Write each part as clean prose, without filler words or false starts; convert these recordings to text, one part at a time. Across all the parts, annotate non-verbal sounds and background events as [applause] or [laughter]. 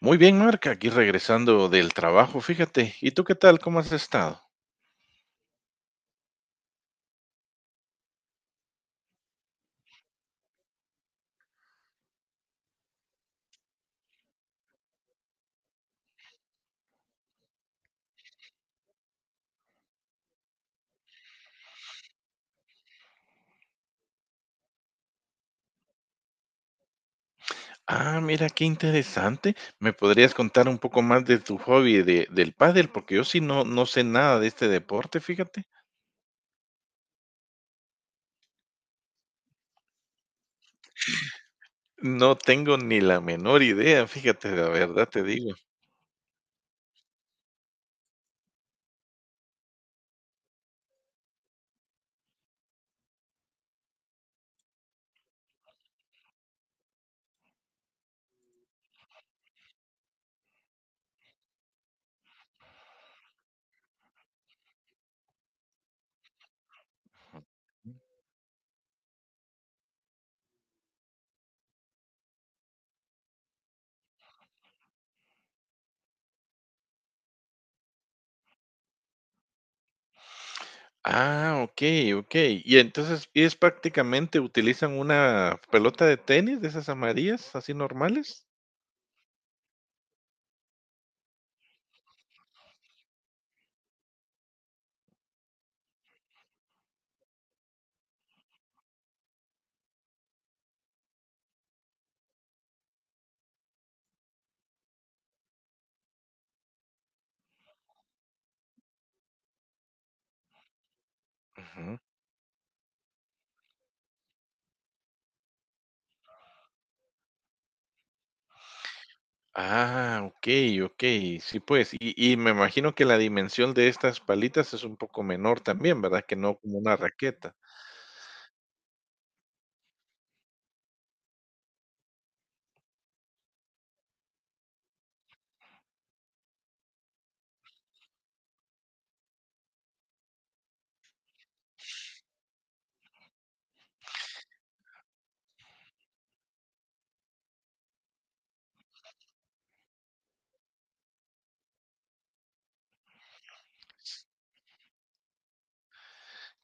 Muy bien, Marca, aquí regresando del trabajo, fíjate. ¿Y tú qué tal? ¿Cómo has estado? Ah, mira, qué interesante. ¿Me podrías contar un poco más de tu hobby del pádel? Porque yo sí no sé nada de este deporte, fíjate. No tengo ni la menor idea, fíjate, la verdad te digo. Ah, ok, ok. Y entonces, ¿es prácticamente utilizan una pelota de tenis de esas amarillas, así normales? Ah, okey, okey. Sí, pues, y me imagino que la dimensión de estas palitas es un poco menor también, ¿verdad? Que no como una raqueta.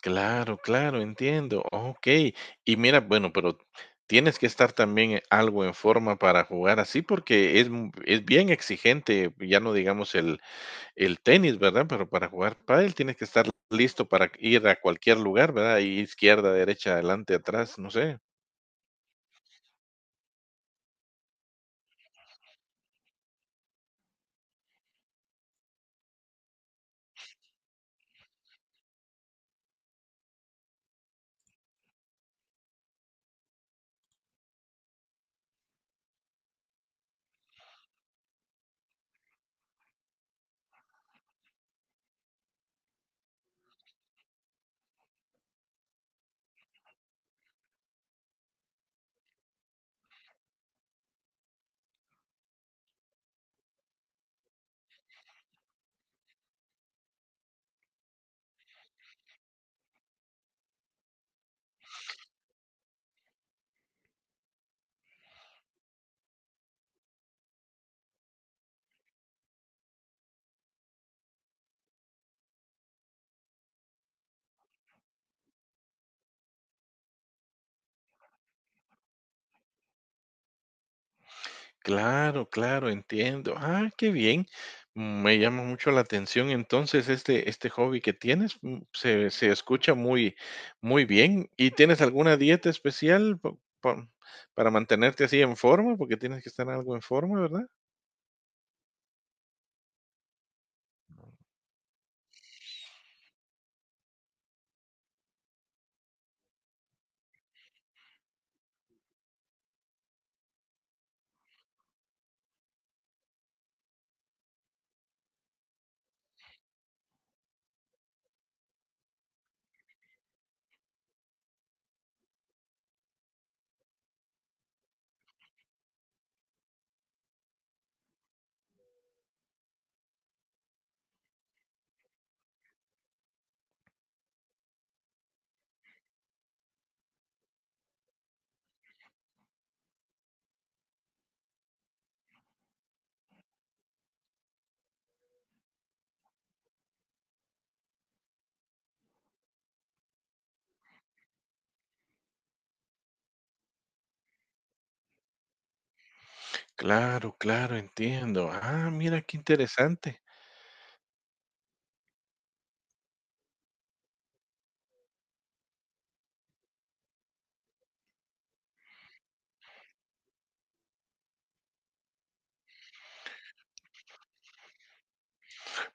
Claro, claro, entiendo. Okey. Y mira, bueno, pero tienes que estar también algo en forma para jugar así, porque es m es bien exigente, ya no digamos el tenis, ¿verdad? Pero para jugar pádel tienes que estar listo para ir a cualquier lugar, ¿verdad? Y izquierda, derecha, adelante, atrás, no sé. Claro, claro, entiendo. Ah, qué bien. Me llama mucho la atención entonces este hobby que tienes. Se escucha muy, muy bien. ¿Y tienes alguna dieta especial pa- para mantenerte así en forma? Porque tienes que estar algo en forma, ¿verdad? Claro, claro, entiendo. Ah, mira qué interesante.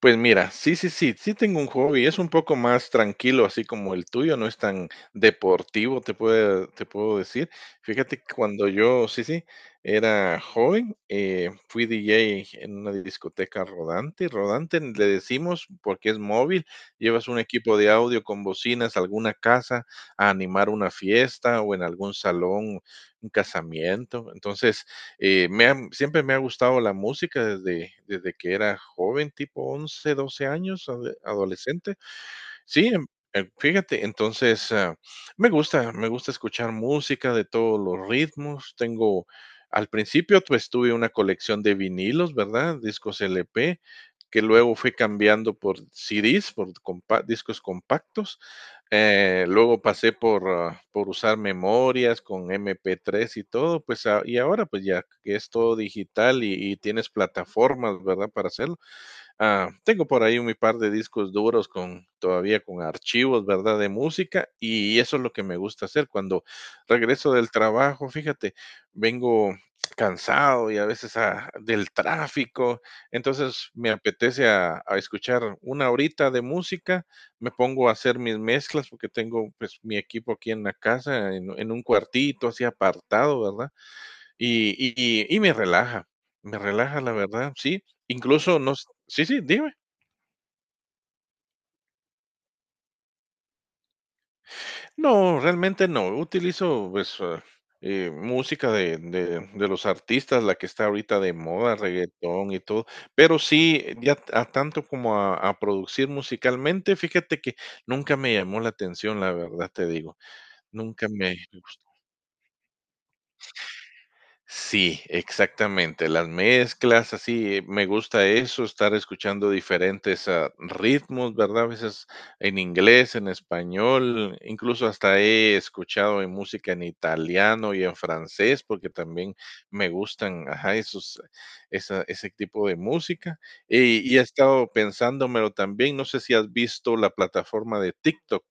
Pues mira, sí, sí, sí, sí tengo un hobby, es un poco más tranquilo, así como el tuyo, no es tan deportivo, te puedo decir. Fíjate que cuando yo, sí, sí, era joven, fui DJ en una discoteca rodante. Rodante le decimos porque es móvil, llevas un equipo de audio con bocinas a alguna casa a animar una fiesta o en algún salón, un casamiento. Entonces, siempre me ha gustado la música desde que era joven, tipo 11 12 años, adolescente. Sí, fíjate, entonces, me gusta escuchar música de todos los ritmos. Tengo, al principio, pues tuve una colección de vinilos, ¿verdad? Discos LP, que luego fui cambiando por CDs, por discos compactos. Luego pasé por usar memorias con MP3 y todo, pues, y ahora pues ya que es todo digital y tienes plataformas, ¿verdad? Para hacerlo. Ah, tengo por ahí un par de discos duros con todavía con archivos, ¿verdad? De música y eso es lo que me gusta hacer cuando regreso del trabajo, fíjate, vengo cansado y a veces del tráfico, entonces me apetece a escuchar una horita de música, me pongo a hacer mis mezclas porque tengo pues mi equipo aquí en la casa, en un cuartito así apartado, ¿verdad? Y y y me relaja, la verdad, sí. Incluso nos sí, sí, dime. No, realmente no, utilizo, música de los artistas, la que está ahorita de moda, reggaetón y todo, pero sí, ya a tanto como a producir musicalmente, fíjate que nunca me llamó la atención, la verdad te digo, nunca me. Sí, exactamente. Las mezclas, así, me gusta eso, estar escuchando diferentes ritmos, ¿verdad? A veces en inglés, en español, incluso hasta he escuchado en música en italiano y en francés, porque también me gustan, ajá, esos, ese tipo de música. Y he estado pensándomelo también, no sé si has visto la plataforma de TikTok.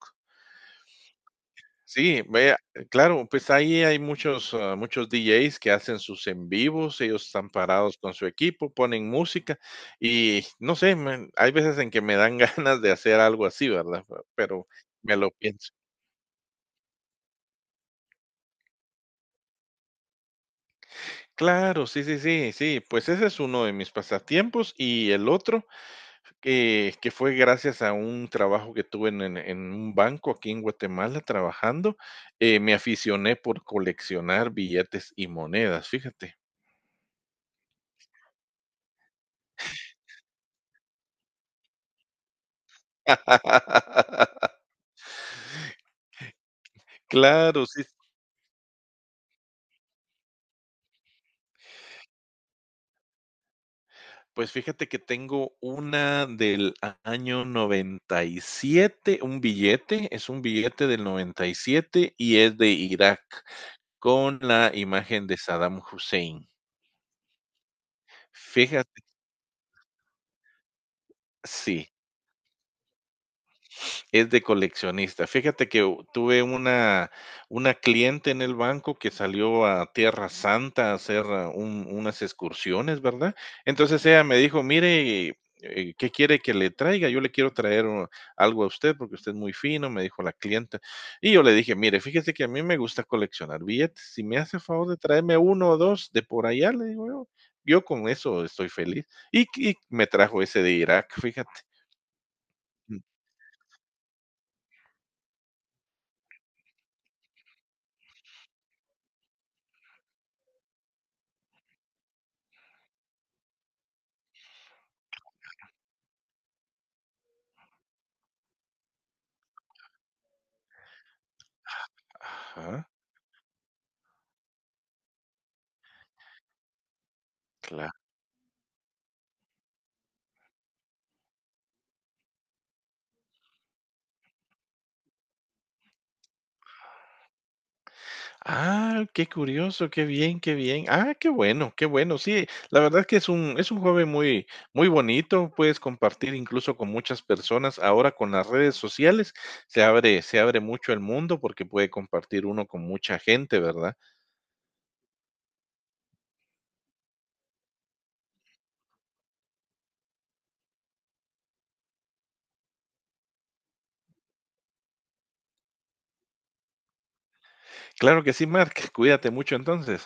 Sí, vea, claro, pues ahí hay muchos, muchos DJs que hacen sus en vivos, ellos están parados con su equipo, ponen música y no sé, hay veces en que me dan [laughs] ganas de hacer algo así, ¿verdad? Pero me lo pienso. Claro, sí, sí, sí, sí, pues ese es uno de mis pasatiempos y el otro que fue gracias a un trabajo que tuve en un banco aquí en Guatemala trabajando, me aficioné por coleccionar billetes y monedas, fíjate. [laughs] Claro, sí. Pues fíjate que tengo una del a año 97, un billete, es un billete del 97 y es de Irak, con la imagen de Saddam Hussein. Fíjate sí. Es de coleccionista. Fíjate que u tuve una cliente en el banco que salió a Tierra Santa a hacer un unas excursiones, ¿verdad? Entonces ella me dijo: "Mire, ¿qué quiere que le traiga? Yo le quiero traer o algo a usted porque usted es muy fino", me dijo la clienta. Y yo le dije: "Mire, fíjese que a mí me gusta coleccionar billetes. Si me hace favor de traerme uno o 2 de por allá", le digo yo, "yo con eso estoy feliz". Y me trajo ese de Irak, fíjate. Mm, ajá, claro. Ah, qué curioso, qué bien, qué bien. Ah, qué bueno, qué bueno. Sí, la verdad que es un hobby muy, muy bonito. Puedes compartir incluso con muchas personas. Ahora con las redes sociales se abre mucho el mundo porque puede compartir uno con mucha gente, ¿verdad? Claro que sí, Mark. [laughs] Cuídate mucho entonces.